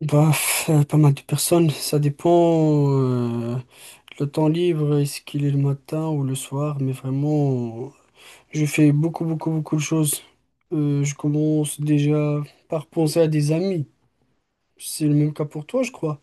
Pas mal de personnes, ça dépend. Le temps libre, est-ce qu'il est le matin ou le soir? Mais vraiment, je fais beaucoup, beaucoup, beaucoup de choses. Je commence déjà par penser à des amis. C'est le même cas pour toi, je crois.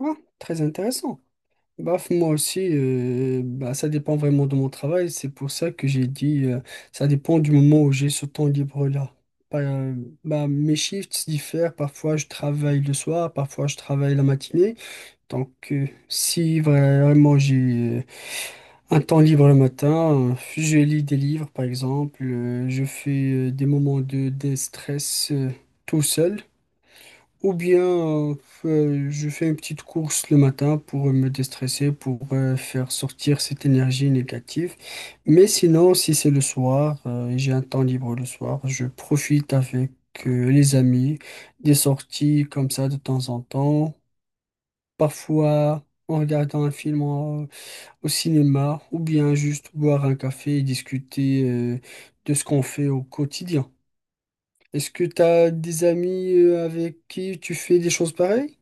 Ah, très intéressant. Moi aussi, bah, ça dépend vraiment de mon travail. C'est pour ça que j'ai dit, ça dépend du moment où j'ai ce temps libre-là. Par- euh, Bah, mes shifts diffèrent. Parfois, je travaille le soir, parfois, je travaille la matinée. Donc, si vraiment j'ai euh, un temps libre le matin, je lis des livres, par exemple, je fais des moments de déstress tout seul, ou bien je fais une petite course le matin pour me déstresser, pour faire sortir cette énergie négative. Mais sinon, si c'est le soir, j'ai un temps libre le soir, je profite avec les amis, des sorties comme ça de temps en temps. Parfois, en regardant un film au cinéma, ou bien juste boire un café et discuter de ce qu'on fait au quotidien. Est-ce que tu as des amis avec qui tu fais des choses pareilles?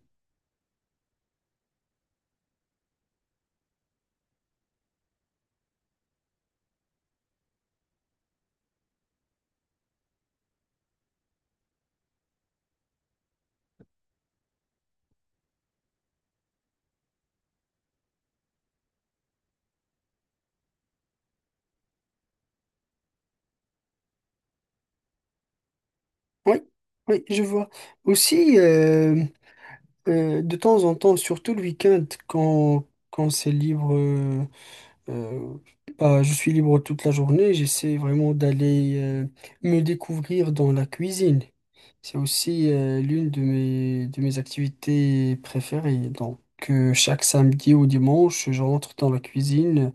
Oui, oui, je vois. Aussi, de temps en temps, surtout le week-end, quand c'est libre, euh, bah, je suis libre toute la journée, j'essaie vraiment d'aller me découvrir dans la cuisine. C'est aussi l'une de mes activités préférées. Donc, chaque samedi ou dimanche, je rentre dans la cuisine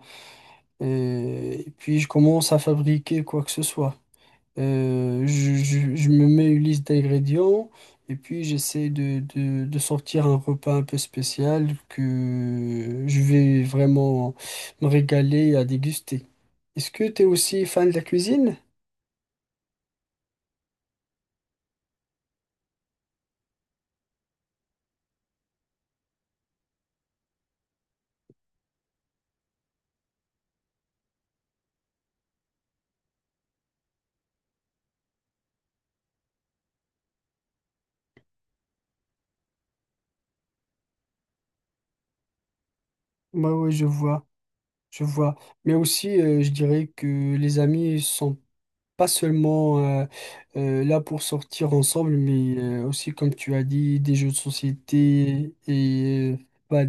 euh, et puis je commence à fabriquer quoi que ce soit. Je me mets une liste d'ingrédients et puis j'essaie de sortir un repas un peu spécial que je vais vraiment me régaler à déguster. Est-ce que tu es aussi fan de la cuisine? Bah oui, je vois. Je vois. Mais aussi, je dirais que les amis sont pas seulement là pour sortir ensemble, mais aussi, comme tu as dit, des jeux de société et bah,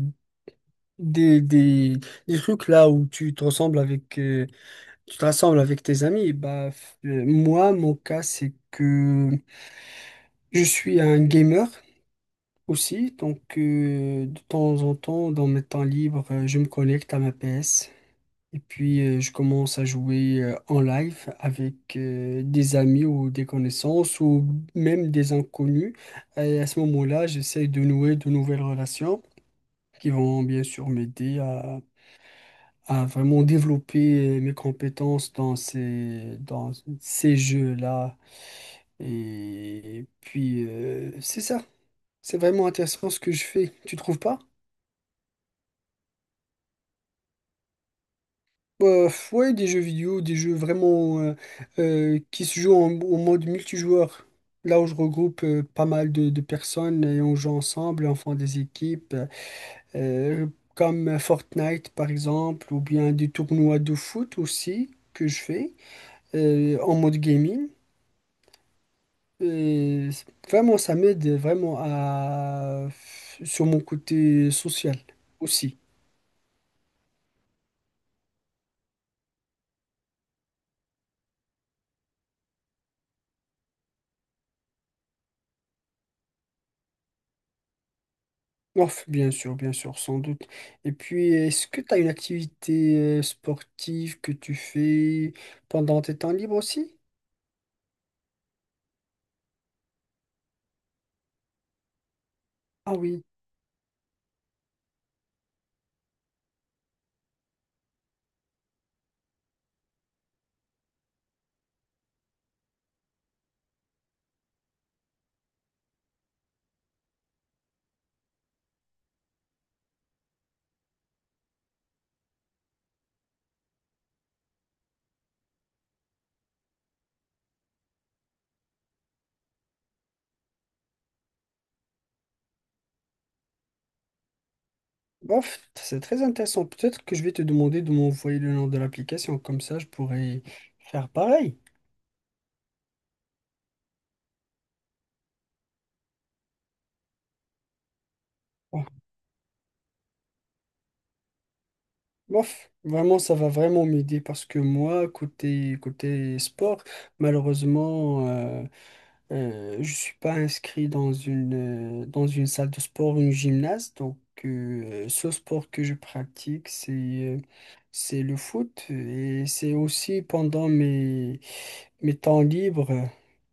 des, des, des trucs là où tu te ressembles avec, tu te rassembles avec tes amis. Moi, mon cas, c'est que je suis un gamer aussi, donc de temps en temps, dans mes temps libres, je me connecte à ma PS. Et puis, je commence à jouer en live avec des amis ou des connaissances ou même des inconnus. Et à ce moment-là, j'essaie de nouer de nouvelles relations qui vont bien sûr m'aider à vraiment développer mes compétences dans dans ces jeux-là. Et puis, c'est ça. C'est vraiment intéressant ce que je fais. Tu trouves pas? Ouais, des jeux vidéo, des jeux vraiment qui se jouent en mode multijoueur. Là où je regroupe pas mal de personnes et on joue ensemble, on fait des équipes, euh, comme Fortnite par exemple, ou bien des tournois de foot aussi que je fais en mode gaming. Vraiment, ça m'aide vraiment à sur mon côté social aussi. Ouf, bien sûr, sans doute. Et puis, est-ce que tu as une activité sportive que tu fais pendant tes temps libres aussi? Ah oui. Bof, c'est très intéressant. Peut-être que je vais te demander de m'envoyer le nom de l'application, comme ça je pourrais faire pareil. Bon, bof, vraiment, ça va vraiment m'aider parce que moi, côté, côté sport, malheureusement, je suis pas inscrit dans une salle de sport ou une gymnase, donc ce sport que je pratique, c'est le foot et c'est aussi pendant mes, mes temps libres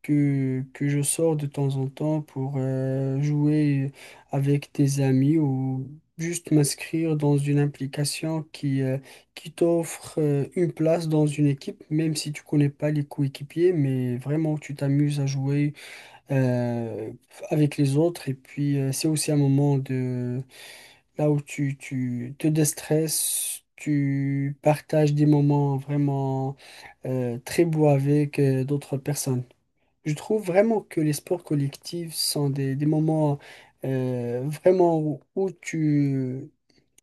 que je sors de temps en temps pour jouer avec des amis ou juste m'inscrire dans une application qui qui t'offre une place dans une équipe, même si tu connais pas les coéquipiers, mais vraiment tu t'amuses à jouer euh, avec les autres. Et puis, c'est aussi un moment de là où tu te déstresses, tu partages des moments vraiment très beaux avec d'autres personnes. Je trouve vraiment que les sports collectifs sont des moments vraiment où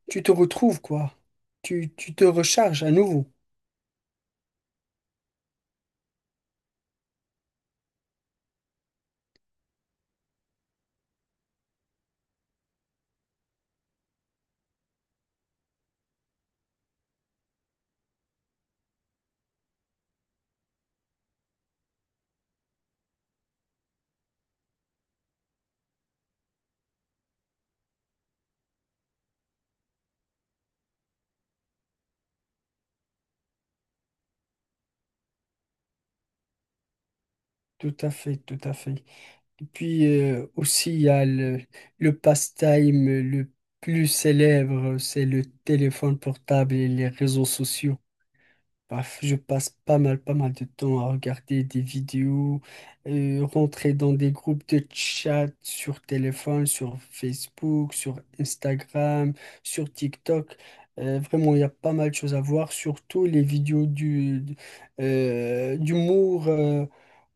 tu te retrouves, quoi. Tu te recharges à nouveau. Tout à fait, tout à fait. Puis aussi, il y a le passe-time le plus célèbre, c'est le téléphone portable et les réseaux sociaux. Bref, je passe pas mal, pas mal de temps à regarder des vidéos, rentrer dans des groupes de chat sur téléphone, sur Facebook, sur Instagram, sur TikTok. Vraiment, il y a pas mal de choses à voir, surtout les vidéos d'humour.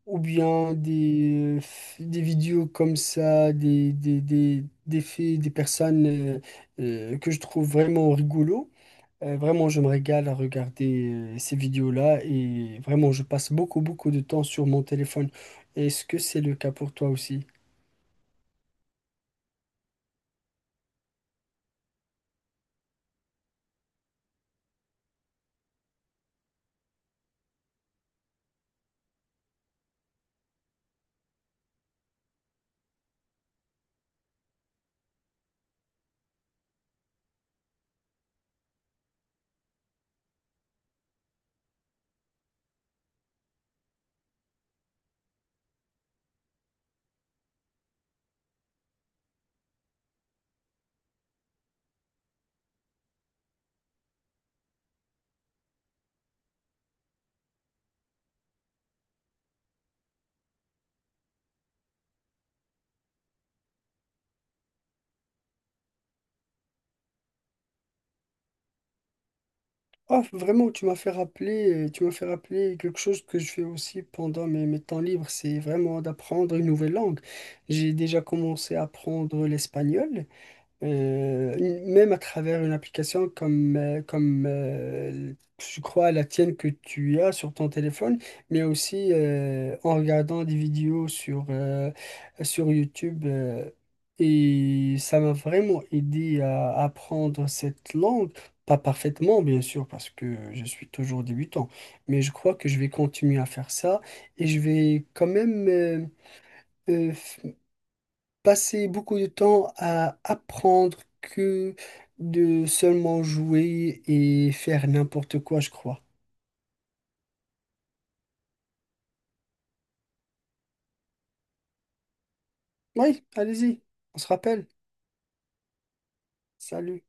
Ou bien des vidéos comme ça, des faits, des personnes que je trouve vraiment rigolo. Vraiment, je me régale à regarder ces vidéos-là et vraiment, je passe beaucoup, beaucoup de temps sur mon téléphone. Est-ce que c'est le cas pour toi aussi? Oh, vraiment, tu m'as fait rappeler quelque chose que je fais aussi pendant mes, mes temps libres, c'est vraiment d'apprendre une nouvelle langue. J'ai déjà commencé à apprendre l'espagnol. Euh, Même à travers une application comme je crois la tienne que tu as sur ton téléphone, mais aussi en regardant des vidéos sur YouTube. Et ça m'a vraiment aidé à apprendre cette langue. Pas parfaitement, bien sûr, parce que je suis toujours débutant, mais je crois que je vais continuer à faire ça et je vais quand même... euh, passer beaucoup de temps à apprendre que de seulement jouer et faire n'importe quoi, je crois. Oui, allez-y, on se rappelle. Salut.